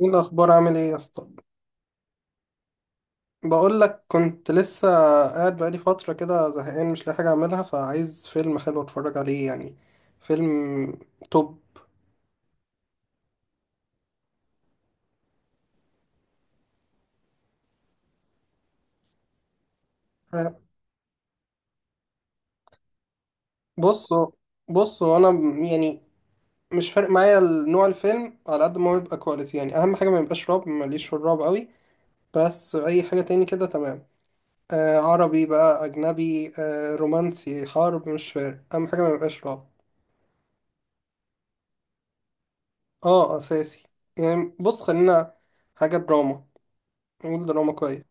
ايه الاخبار عامل ايه يا اسطى؟ بقول لك كنت لسه قاعد بقالي فتره كده زهقان مش لاقي حاجه اعملها، فعايز فيلم حلو اتفرج عليه يعني. فيلم توب. آه، بص. بص هو انا يعني مش فارق معايا نوع الفيلم على قد ما هو يبقى كواليتي، يعني اهم حاجه ما يبقاش رعب، ماليش في الرعب قوي. بس اي حاجه تاني كده تمام. آه عربي بقى اجنبي آه رومانسي حرب مش فارق، اهم حاجه ما يبقاش رعب. اه اساسي. يعني بص خلينا حاجه دراما، والدراما كويس.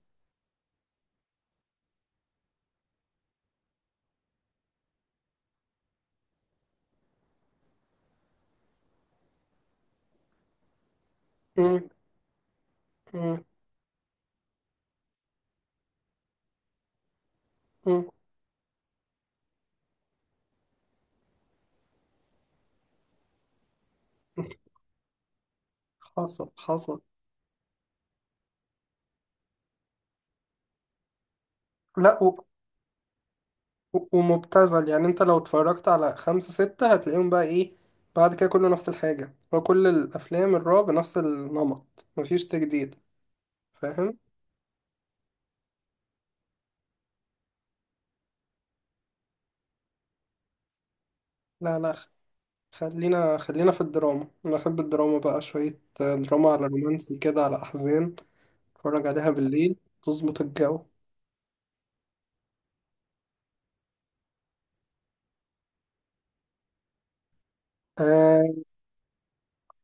مم، مم، مم. حصل حصل. لا ومبتذل، يعني انت لو اتفرجت على خمسة ستة هتلاقيهم بقى ايه؟ بعد كده كله نفس الحاجة، هو كل الأفلام الرعب نفس النمط مفيش تجديد، فاهم؟ لا خلينا خلينا في الدراما، أنا أحب الدراما بقى، شوية دراما على رومانسي كده على أحزان اتفرج عليها بالليل تظبط الجو. أه...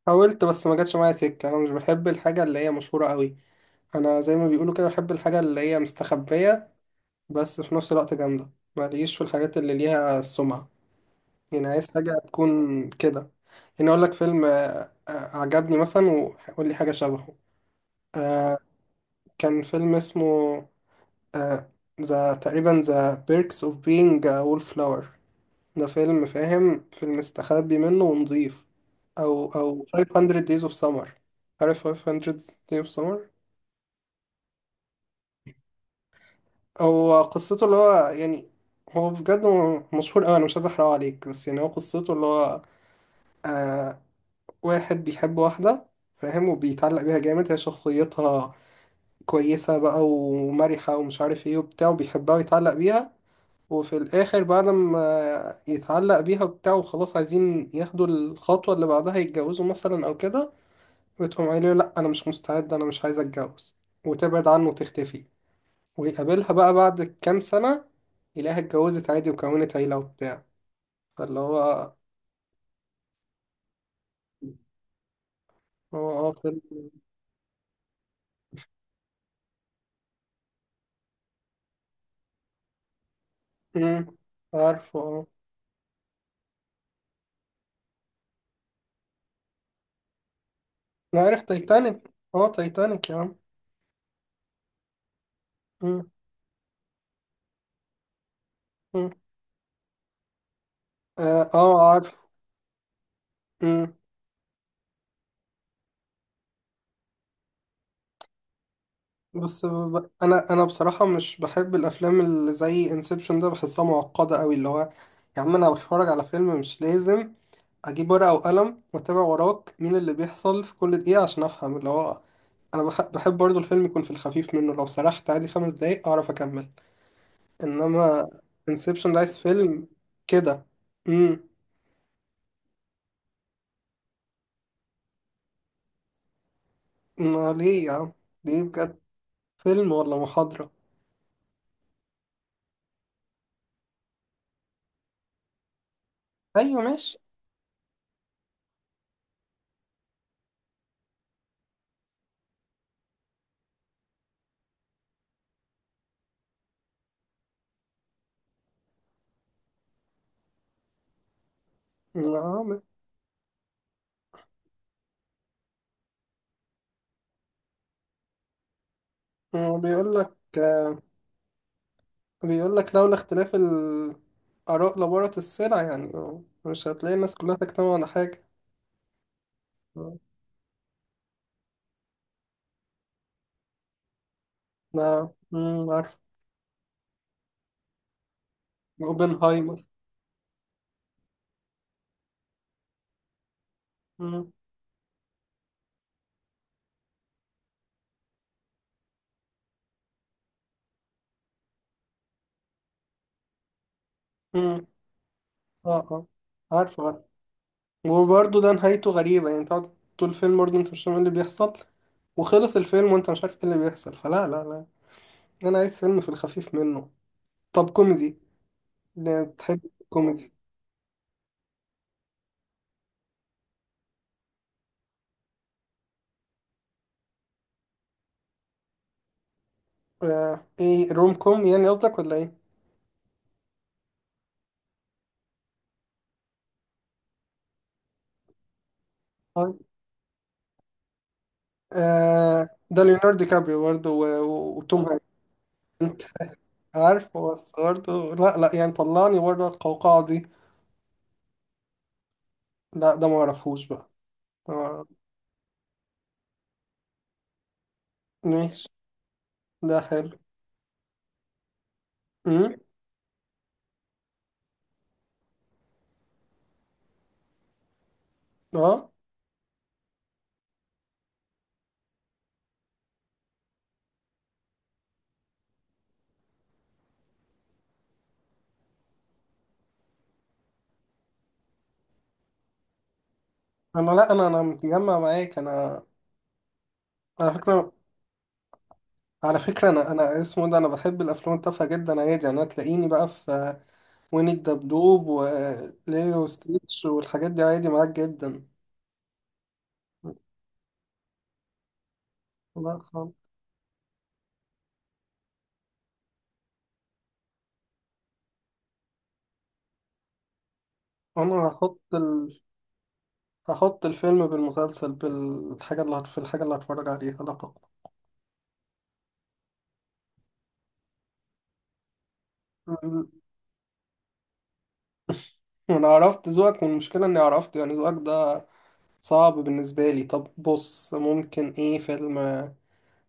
حاولت بس ما جاتش معايا سكة، أنا مش بحب الحاجة اللي هي مشهورة قوي. انا زي ما بيقولوا كده بحب الحاجه اللي هي مستخبيه بس في نفس الوقت جامده، ماليش في الحاجات اللي ليها سمعه. يعني عايز حاجه تكون كده. يعني اقول لك فيلم عجبني مثلا، وقول لي حاجه شبهه. آه، كان فيلم اسمه آه ذا تقريبا، ذا بيركس اوف بينج وول فلاور. ده فيلم، فاهم؟ فيلم مستخبي منه ونظيف. او 500 days of summer. عارف 500 days of summer؟ هو قصته اللي هو يعني، هو بجد مشهور أوي، أنا مش عايز أحرقه عليك بس يعني هو قصته اللي هو آه، واحد بيحب واحدة، فاهم؟ وبيتعلق بيها جامد، هي شخصيتها كويسة بقى ومرحة ومش عارف ايه وبتاع، وبيحبها ويتعلق بيها. وفي الآخر بعد ما يتعلق بيها وبتاع وخلاص عايزين ياخدوا الخطوة اللي بعدها يتجوزوا مثلا أو كده، بتقوم قايله لأ أنا مش مستعد، أنا مش عايز أتجوز، وتبعد عنه وتختفي. ويقابلها بقى بعد كام سنة يلاقيها اتجوزت عادي وكونت عيلة وبتاع. فاللي هو، هو اه فيلم. مم. عارفه اه. أنا عارف تايتانيك، اه تايتانيك يا عم. مم. مم. اه عارف. مم. بس انا بصراحة مش بحب الافلام اللي زي انسبشن، ده بحسها معقدة قوي، اللي هو يا عم انا بتفرج على فيلم مش لازم اجيب ورقة وقلم واتابع وراك مين اللي بيحصل في كل دقيقة عشان افهم. اللي هو انا بحب برضو الفيلم يكون في الخفيف منه، لو سرحت عادي خمس دقايق اعرف اكمل. انما انسبشن ده عايز فيلم كده. امم. ما ليه يا عم؟ ليه بجد؟ فيلم ولا محاضرة؟ ايوه ماشي. آه، ما هو بيقول لك، بيقول لك لولا اختلاف الاراء لبارت السلع، يعني مش هتلاقي الناس كلها تجتمع على حاجة. لا عارف. اوبنهايمر. امم. امم. اه اه عارف. وبرضه ده نهايته غريبة، يعني تقعد طول الفيلم برضه انت مش فاهم ايه اللي بيحصل، وخلص الفيلم وانت مش عارف ايه اللي بيحصل، فلا لا لا، انا عايز فيلم في الخفيف منه. طب كوميدي؟ لا، تحب كوميدي؟ آه، ايه روم كوم يعني قصدك ولا ايه؟ طيب. آه ده ليوناردو دي كابريو برضه وتوم هانكس. انت عارف هو برضه؟ لا لا يعني طلعني بره القوقعة دي. لا ده ما اعرفوش بقى. آه، ماشي. ده حلو. امم. اه انا، لا انا انا متجمع معاك انا. على فكرة، على فكرة أنا اسمه ده، أنا بحب الأفلام التافهة جدا عادي، يعني هتلاقيني بقى في وين الدبدوب وليلو وستيتش والحاجات دي عادي معاك جدا. لا خالص. أنا هحط الفيلم بالمسلسل بالحاجة اللي في الحاجة اللي هتفرج عليها. لا طبعا. أنا عرفت ذوقك والمشكلة إني عرفت يعني ذوقك ده صعب بالنسبة لي. طب بص ممكن إيه فيلم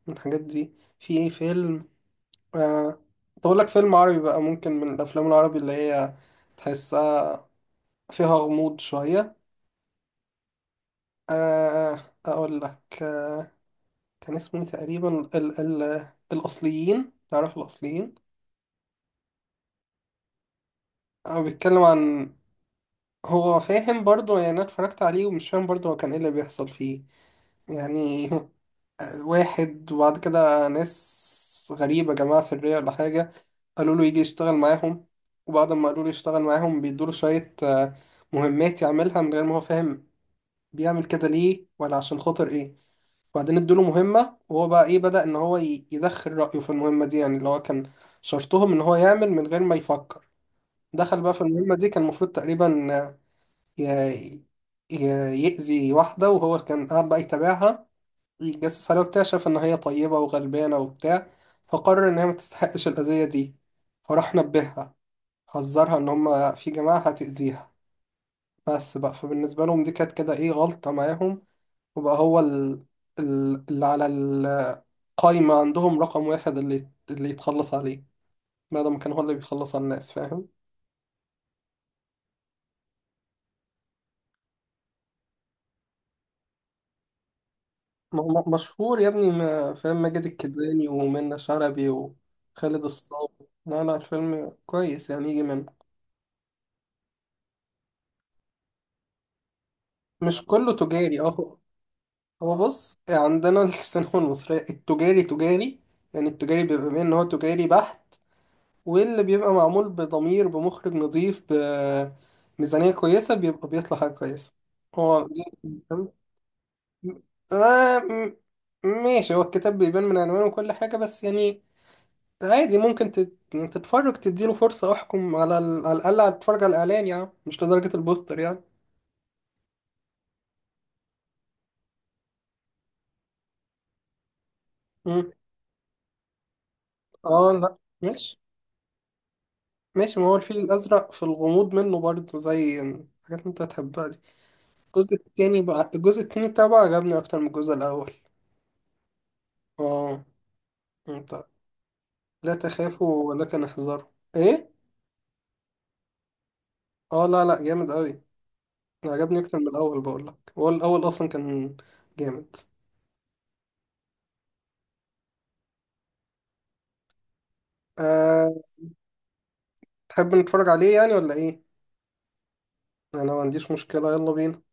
من الحاجات دي؟ في إيه فيلم؟ آه، تقول لك فيلم عربي بقى، ممكن من الافلام العربي اللي هي تحسها فيها غموض شويه. اقول لك كان اسمه إيه تقريبا ال ال الاصليين، تعرف الاصليين؟ هو بيتكلم عن، هو فاهم برضو يعني، انا اتفرجت عليه ومش فاهم برضو هو كان ايه اللي بيحصل فيه يعني. واحد، وبعد كده ناس غريبة جماعة سرية ولا حاجة قالوا له يجي يشتغل معاهم، وبعد ما قالوا له يشتغل معاهم بيدوله شوية مهمات يعملها من غير ما هو فاهم بيعمل كده ليه ولا عشان خاطر ايه. وبعدين ادوله مهمة وهو بقى ايه بدأ ان هو يدخل رأيه في المهمة دي، يعني اللي هو كان شرطهم ان هو يعمل من غير ما يفكر. دخل بقى في المهمة دي، كان المفروض تقريبا ي- ي- يأذي واحدة، وهو كان قاعد بقى يتابعها الجاسوس عليها واكتشف إن هي طيبة وغلبانة وبتاع، فقرر إن هي ما تستحقش الأذية دي، فراح نبهها، حذرها إن هما في جماعة هتأذيها. بس بقى فبالنسبة لهم دي كانت كده إيه غلطة معاهم. وبقى هو اللي على القايمة عندهم رقم واحد، اللي يتخلص عليه، ما دام كان هو اللي بيخلص على الناس، فاهم؟ م- مشهور يا ابني، فاهم، ماجد الكدواني ومنة شلبي وخالد الصاوي. لا الفيلم كويس يعني يجي منه. مش كله تجاري اه. هو بص عندنا السينما المصرية التجاري تجاري، يعني التجاري بيبقى بين ان هو تجاري بحت، واللي بيبقى معمول بضمير بمخرج نظيف بميزانية كويسة بيبقى بيطلع حاجة كويسة، هو دي. آه ماشي، هو الكتاب بيبان من عنوانه وكل حاجة بس يعني عادي ممكن يعني تتفرج تديله فرصة، احكم على على الأقل هتتفرج على الإعلان، يعني مش لدرجة البوستر يعني. مم. اه لا ماشي. ماشي ما هو الفيل الأزرق في الغموض منه برضه زي الحاجات اللي أنت هتحبها دي. الجزء التاني بقى، الجزء التاني بتاعه بقى عجبني أكتر من الجزء الأول. اه. أنت، لا تخافوا ولكن احذروا. إيه؟ اه لا لا جامد أوي، عجبني أكتر من الأول، بقولك هو الأول أصلا كان جامد. أه. تحب نتفرج عليه يعني ولا إيه؟ أنا ما عنديش مشكلة، يلا بينا.